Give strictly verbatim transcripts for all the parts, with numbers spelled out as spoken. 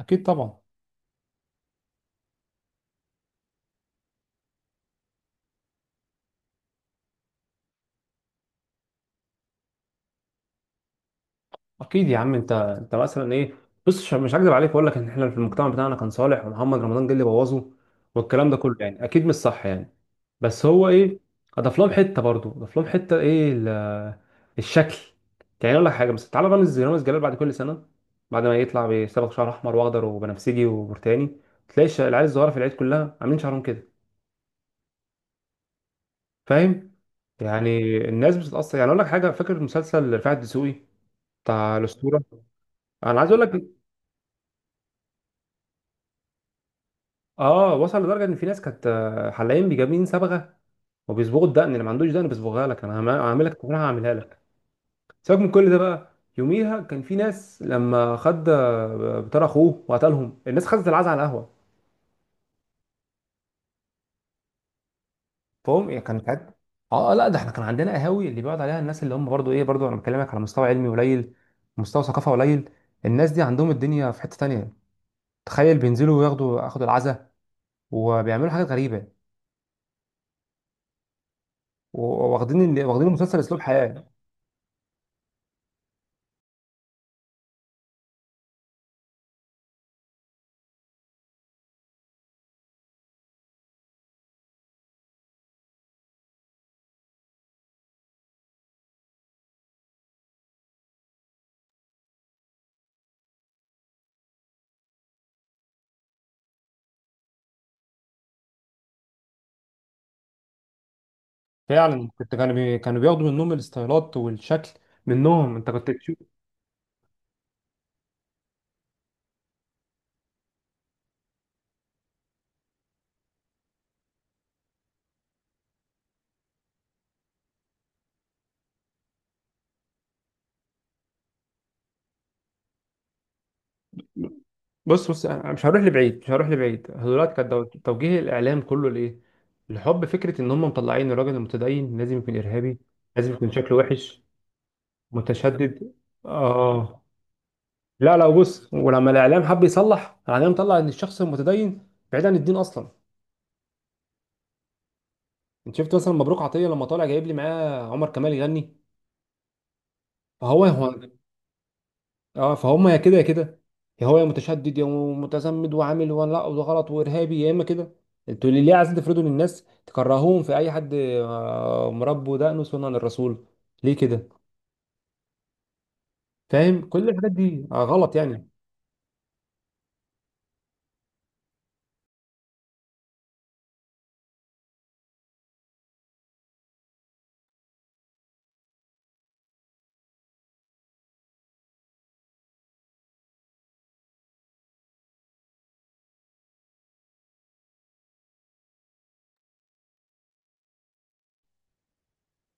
اكيد طبعا. اكيد يا عم. انت انت مثلا ايه؟ بص، مش مش هكذب عليك واقول لك ان احنا في المجتمع بتاعنا كان صالح ومحمد رمضان جه اللي بوظه، والكلام ده كله. يعني اكيد مش صح يعني. بس هو ايه، اضاف لهم حته، برضه اضاف لهم حته ايه ال- الشكل. يعني اقول لك حاجه، بس تعالى، رامز رامز جلال، بعد كل سنه، بعد ما يطلع بيصبغ شعر احمر واخضر وبنفسجي وبرتاني، تلاقي الش- العيال الصغيره في العيد كلها عاملين شعرهم كده. فاهم؟ يعني الناس بتتاثر. يعني اقول لك حاجه، فاكر مسلسل رفاعي الدسوقي، بتاع الاسطوره؟ انا عايز اقول لك، اه وصل لدرجه ان في ناس كانت آه، حلاقين بيجابين صبغه وبيصبغوا الدقن، اللي ما عندوش دقن بيصبغها لك. انا هعم- هعمل- هعملها لك، تكون هعملها لك. سيبك من كل ده بقى. يوميها كان في ناس لما خد آه، بتاع اخوه وقتلهم، الناس خدت العزا على القهوه. فهم يعني كان كانت. اه، آه، لا، ده احنا كان عندنا قهاوي اللي بيقعد عليها الناس اللي هم برضو ايه، برضو انا بكلمك على مستوى علمي قليل، مستوى ثقافه قليل. الناس دي عندهم الدنيا في حته تانية. تخيل بينزلوا وياخدوا ياخدوا العزا، وبيعملوا حاجات غريبه، و- واخدين ال- واخدين مسلسل اسلوب حياه. فعلا كنت، كانوا بي... كانوا بياخدوا منهم الستايلات والشكل، منهم انت كنت تشوف. بص بص، انا مش هروح لبعيد، مش هروح لبعيد. دلوقتي كان دو- توجيه الاعلام كله لايه؟ لحب فكره ان هم مطلعين الراجل المتدين لازم يكون ارهابي، لازم يكون شكله وحش، متشدد. اه. لا لا، بص، ولما الاعلام حب يصلح، الاعلام طلع ان الشخص المتدين بعيد عن الدين اصلا. انت شفت مثلا مبروك عطيه لما طالع جايب لي معاه عمر كمال يغني؟ فهو هو، اه فهم، يا كده يا كده، يا هو يا متشدد، يا متزمد وعامل وانا لا وده غلط وارهابي، يا اما كده. انتوا ليه ليه عايزين تفرضوا للناس تكرهوهم في اي حد آه، مربي ودقنه سنة للرسول؟ ليه كده؟ فاهم؟ كل الحاجات دي آه، غلط يعني.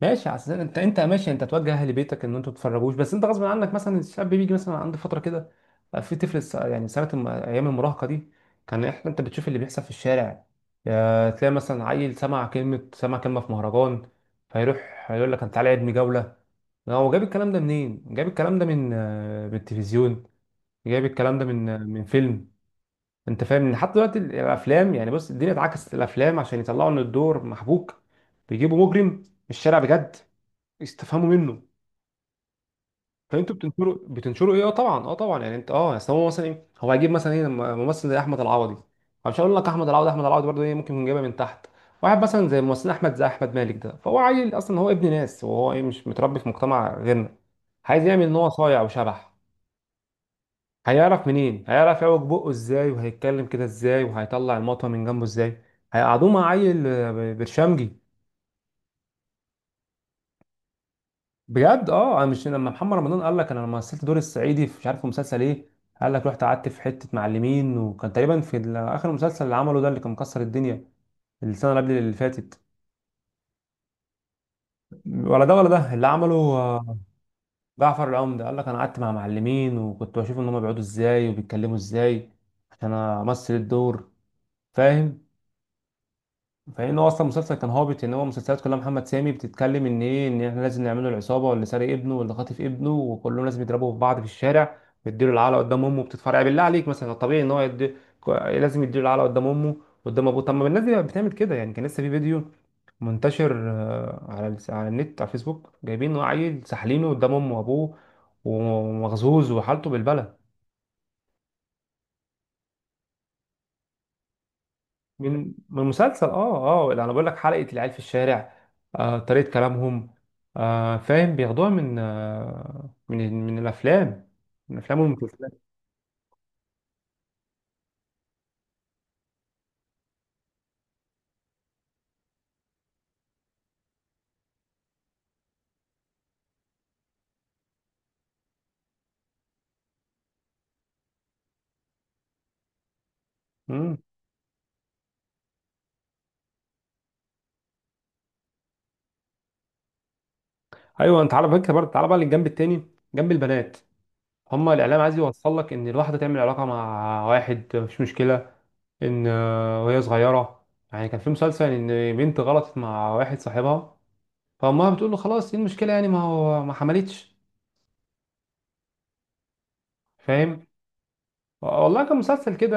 ماشي، عشان انت، انت ماشي انت توجه اهل بيتك ان انتوا تتفرجوش، بس انت غصب عنك مثلا الشاب بيجي مثلا عند فتره كده، بقى في طفل الس- يعني سنه الم- ايام المراهقه دي. كان احنا انت بتشوف اللي بيحصل في الشارع، يا تلاقي مثلا عيل سمع كلمه، سمع كلمه في مهرجان، فيروح يقول لك انا تعالى ابني جوله. هو جاب الكلام ده منين؟ جاب الكلام ده من آه، من التلفزيون، جاب الكلام ده من آه، من فيلم. انت فاهم؟ ان حتى دلوقتي الافلام يعني، بص، الدنيا اتعكست، الافلام عشان يطلعوا ان الدور محبوك بيجيبوا مجرم من الشارع بجد يستفهموا منه. فانتوا بتنشروا بتنشروا ايه؟ اه طبعا، اه طبعا. يعني انت اه، يعني اصل هو مثلا ايه، هو هيجيب مثلا ايه لما ممثل زي احمد العوضي، أنا مش هقول لك احمد العوضي، احمد العوضي برضه ايه ممكن يكون جايبها من تحت. واحد مثلا زي ممثل احمد، زي احمد مالك ده، فهو عيل اصلا، هو ابن ناس، وهو ايه مش متربي في مجتمع غيرنا، عايز يعمل ان هو صايع وشبح. هيعرف منين؟ هيعرف يعوج بقه ازاي، وهيتكلم كده ازاي، وهيطلع المطوه من جنبه ازاي؟ هيقعدوه مع عيل آه، برشامجي. بجد اه. انا مش لما محمد رمضان قال لك انا لما مثلت دور الصعيدي في، مش عارف في مسلسل ايه، قال لك رحت قعدت في حته معلمين. وكان تقريبا في ال- اخر مسلسل اللي عمله ده، اللي كان مكسر الدنيا السنه اللي قبل اللي فاتت، ولا ده ولا ده اللي عمله آه، جعفر العمدة، قال لك انا قعدت مع معلمين وكنت بشوف ان هم بيقعدوا ازاي وبيتكلموا ازاي عشان امثل الدور. فاهم؟ فإن هو أصلا المسلسل كان هابط، إن هو المسلسلات كلها محمد سامي بتتكلم إن إيه، إن إحنا لازم نعمله العصابة واللي سارق ابنه واللي خاطف ابنه، وكلهم لازم يضربوا في بعض في الشارع، بيديله العلقة قدام أمه، بتتفرع. بالله عليك مثلا الطبيعي إن هو يدي... كو- لازم يديله العلقة قدام أمه، قدام أبوه؟ طب ما الناس دي بتعمل كده. يعني كان لسه في فيديو منتشر آه، على الس- على النت، على الفيسبوك، جايبين عيل سحلينه قدام أمه وأبوه ومغزوز وحالته بالبلد. من من مسلسل. اه اه، اللي انا بقول لك، حلقة العيال في الشارع، آه طريقة كلامهم، آه فاهم، بياخدوها من آه من من الافلام، من الافلام والمسلسلات. امم. ايوه. انت على فكره برضه، تعالى بقى للجنب التاني، جنب البنات. هما الاعلام عايز يوصل لك ان الواحده تعمل علاقه مع واحد مفيش مشكله، ان آه، وهي صغيره. يعني كان في مسلسل ان بنت غلطت مع واحد صاحبها، فامها بتقول له خلاص ايه المشكله، يعني ما هو ما حملتش. فاهم؟ والله كان مسلسل كده.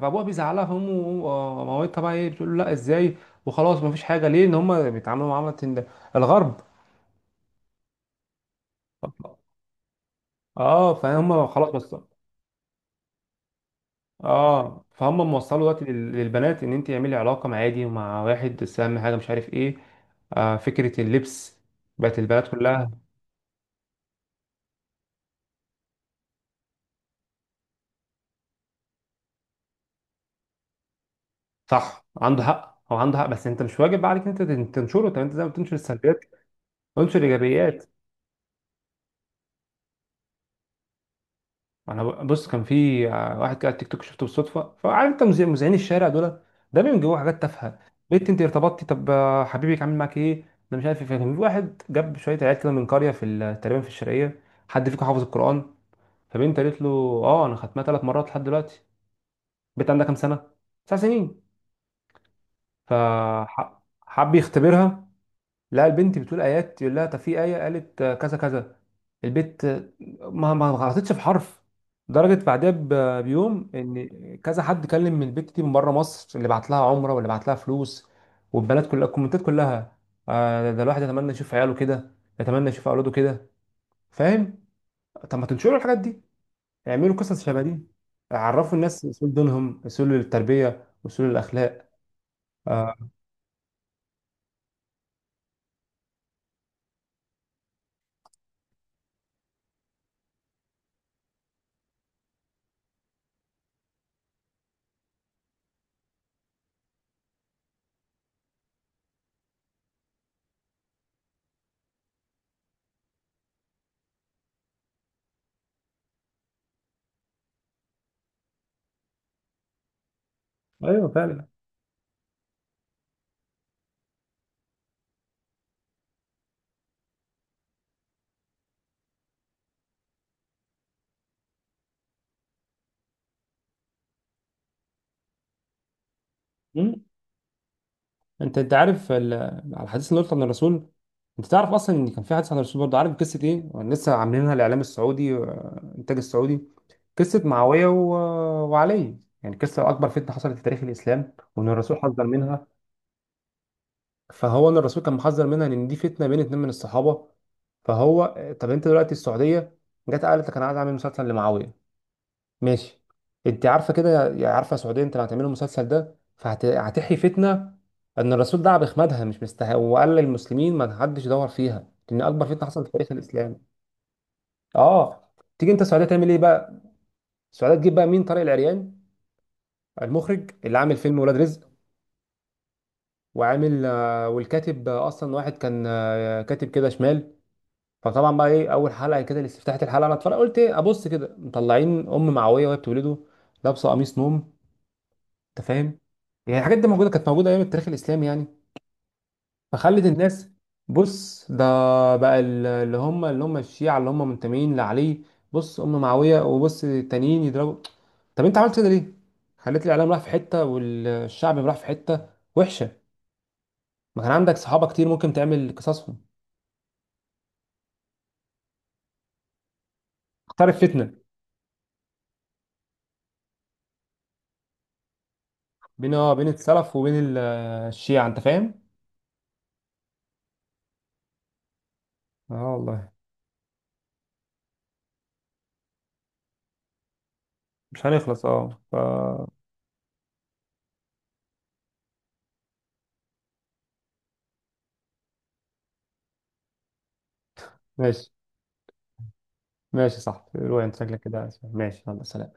فابوها بيزعلها، فامه ومامتها بقى ايه بتقول له لا ازاي، وخلاص مفيش حاجه؟ ليه؟ ان هم بيتعاملوا معامله ال- الغرب. اه فهم خلاص بس. اه فهم، موصلوا دلوقتي لل- للبنات ان انت اعملي علاقه مع عادي ومع واحد، بس اهم حاجه مش عارف ايه. آه فكره اللبس، بقت البنات كلها. صح، عنده حق، هو عنده حق، بس انت مش واجب عليك انت تن- تنشره. طب انت زي ما بتنشر السلبيات، انشر الايجابيات. انا ب- بص، كان في ع- واحد كده على التيك توك شفته بالصدفه. فعارف انت مذيع- مذيعين الشارع دول؟ ده بيبقى جوه حاجات تافهه، بنت انت ارتبطتي طب آه، حبيبك عامل معاك ايه، انا مش عارف ايه. فكان في واحد جاب شويه عيال كده من قريه في ال- تقريبا في الشرقيه، حد فيكم حافظ القران؟ فبنت قالت له اه انا ختمها ثلاث مرات لحد دلوقتي. البنت عندها كام سنه؟ تسع سنين. فحب يختبرها، لا البنت بتقول ايات، يقول لها طب في ايه، قالت آه، كذا كذا، البت آه، ما ما غلطتش في حرف. درجة بعدها ب- بيوم ان كذا حد كلم من البت دي من بره مصر، اللي بعت لها عمره واللي بعت لها فلوس، والبنات كلها الكومنتات كلها آه، ده الواحد يتمنى يشوف عياله كده، يتمنى يشوف اولاده كده. فاهم؟ طب ما تنشروا الحاجات دي، اعملوا قصص شبه دي، عرفوا الناس اصول دينهم، اصول التربية، اصول الاخلاق. آه، ايوه فعلا. مم. انت، انت عارف ال- على الحديث اللي قلت عن الرسول، انت تعرف اصلا ان كان في حديث عن الرسول برضه؟ عارف قصه ايه لسه عاملينها الاعلام السعودي آه، الانتاج السعودي؟ قصه معاويه و... وعلي، يعني قصه اكبر فتنه حصلت في تاريخ الاسلام، وان الرسول حذر منها. فهو ان الرسول كان محذر منها لان دي فتنه بين اتنين من الصحابه. فهو آه، طب انت دلوقتي السعوديه جت قالت لك انا عايز اعمل مسلسل لمعاويه، ماشي، انت عارفه كده، يا عارفه سعوديه انت لو هتعملوا المسلسل ده فهتحيي فتنه ان الرسول دعا باخمادها، مش مستحق، وقال للمسلمين ما حدش يدور فيها، لان اكبر فتنه حصلت في تاريخ الاسلام. اه. تيجي انت السعوديه تعمل ايه بقى؟ السعوديه تجيب بقى مين؟ طارق العريان، المخرج اللي عامل فيلم ولاد رزق، وعامل آه، والكاتب آه، اصلا واحد كان آه، كاتب كده شمال. فطبعا بقى ايه، اول حلقه كده لاستفتاحه الحلقه، انا اتفرجت قلت ايه، ابص كده مطلعين ام معويه وهي بتولده، لابسه قميص نوم. انت فاهم؟ يعني الحاجات دي موجوده، كانت موجوده ايام التاريخ الاسلامي يعني؟ فخلت الناس، بص ده بقى ال- اللي هم، اللي هم الشيعه اللي هم منتمين لعلي، بص ام معاويه، وبص التانيين يضربوا. طب انت عملت كده ليه؟ خليت الاعلام راح في حته والشعب راح في حته. وحشه. ما كان عندك صحابه كتير ممكن تعمل قصصهم. اختار فتنه بين اه بين السلف وبين ال- الشيعه. انت فاهم؟ اه والله. مش هنخلص، اه ف ماشي. ماشي صح الرواية، انت شكلك كده عايز- ماشي، يلا سلام.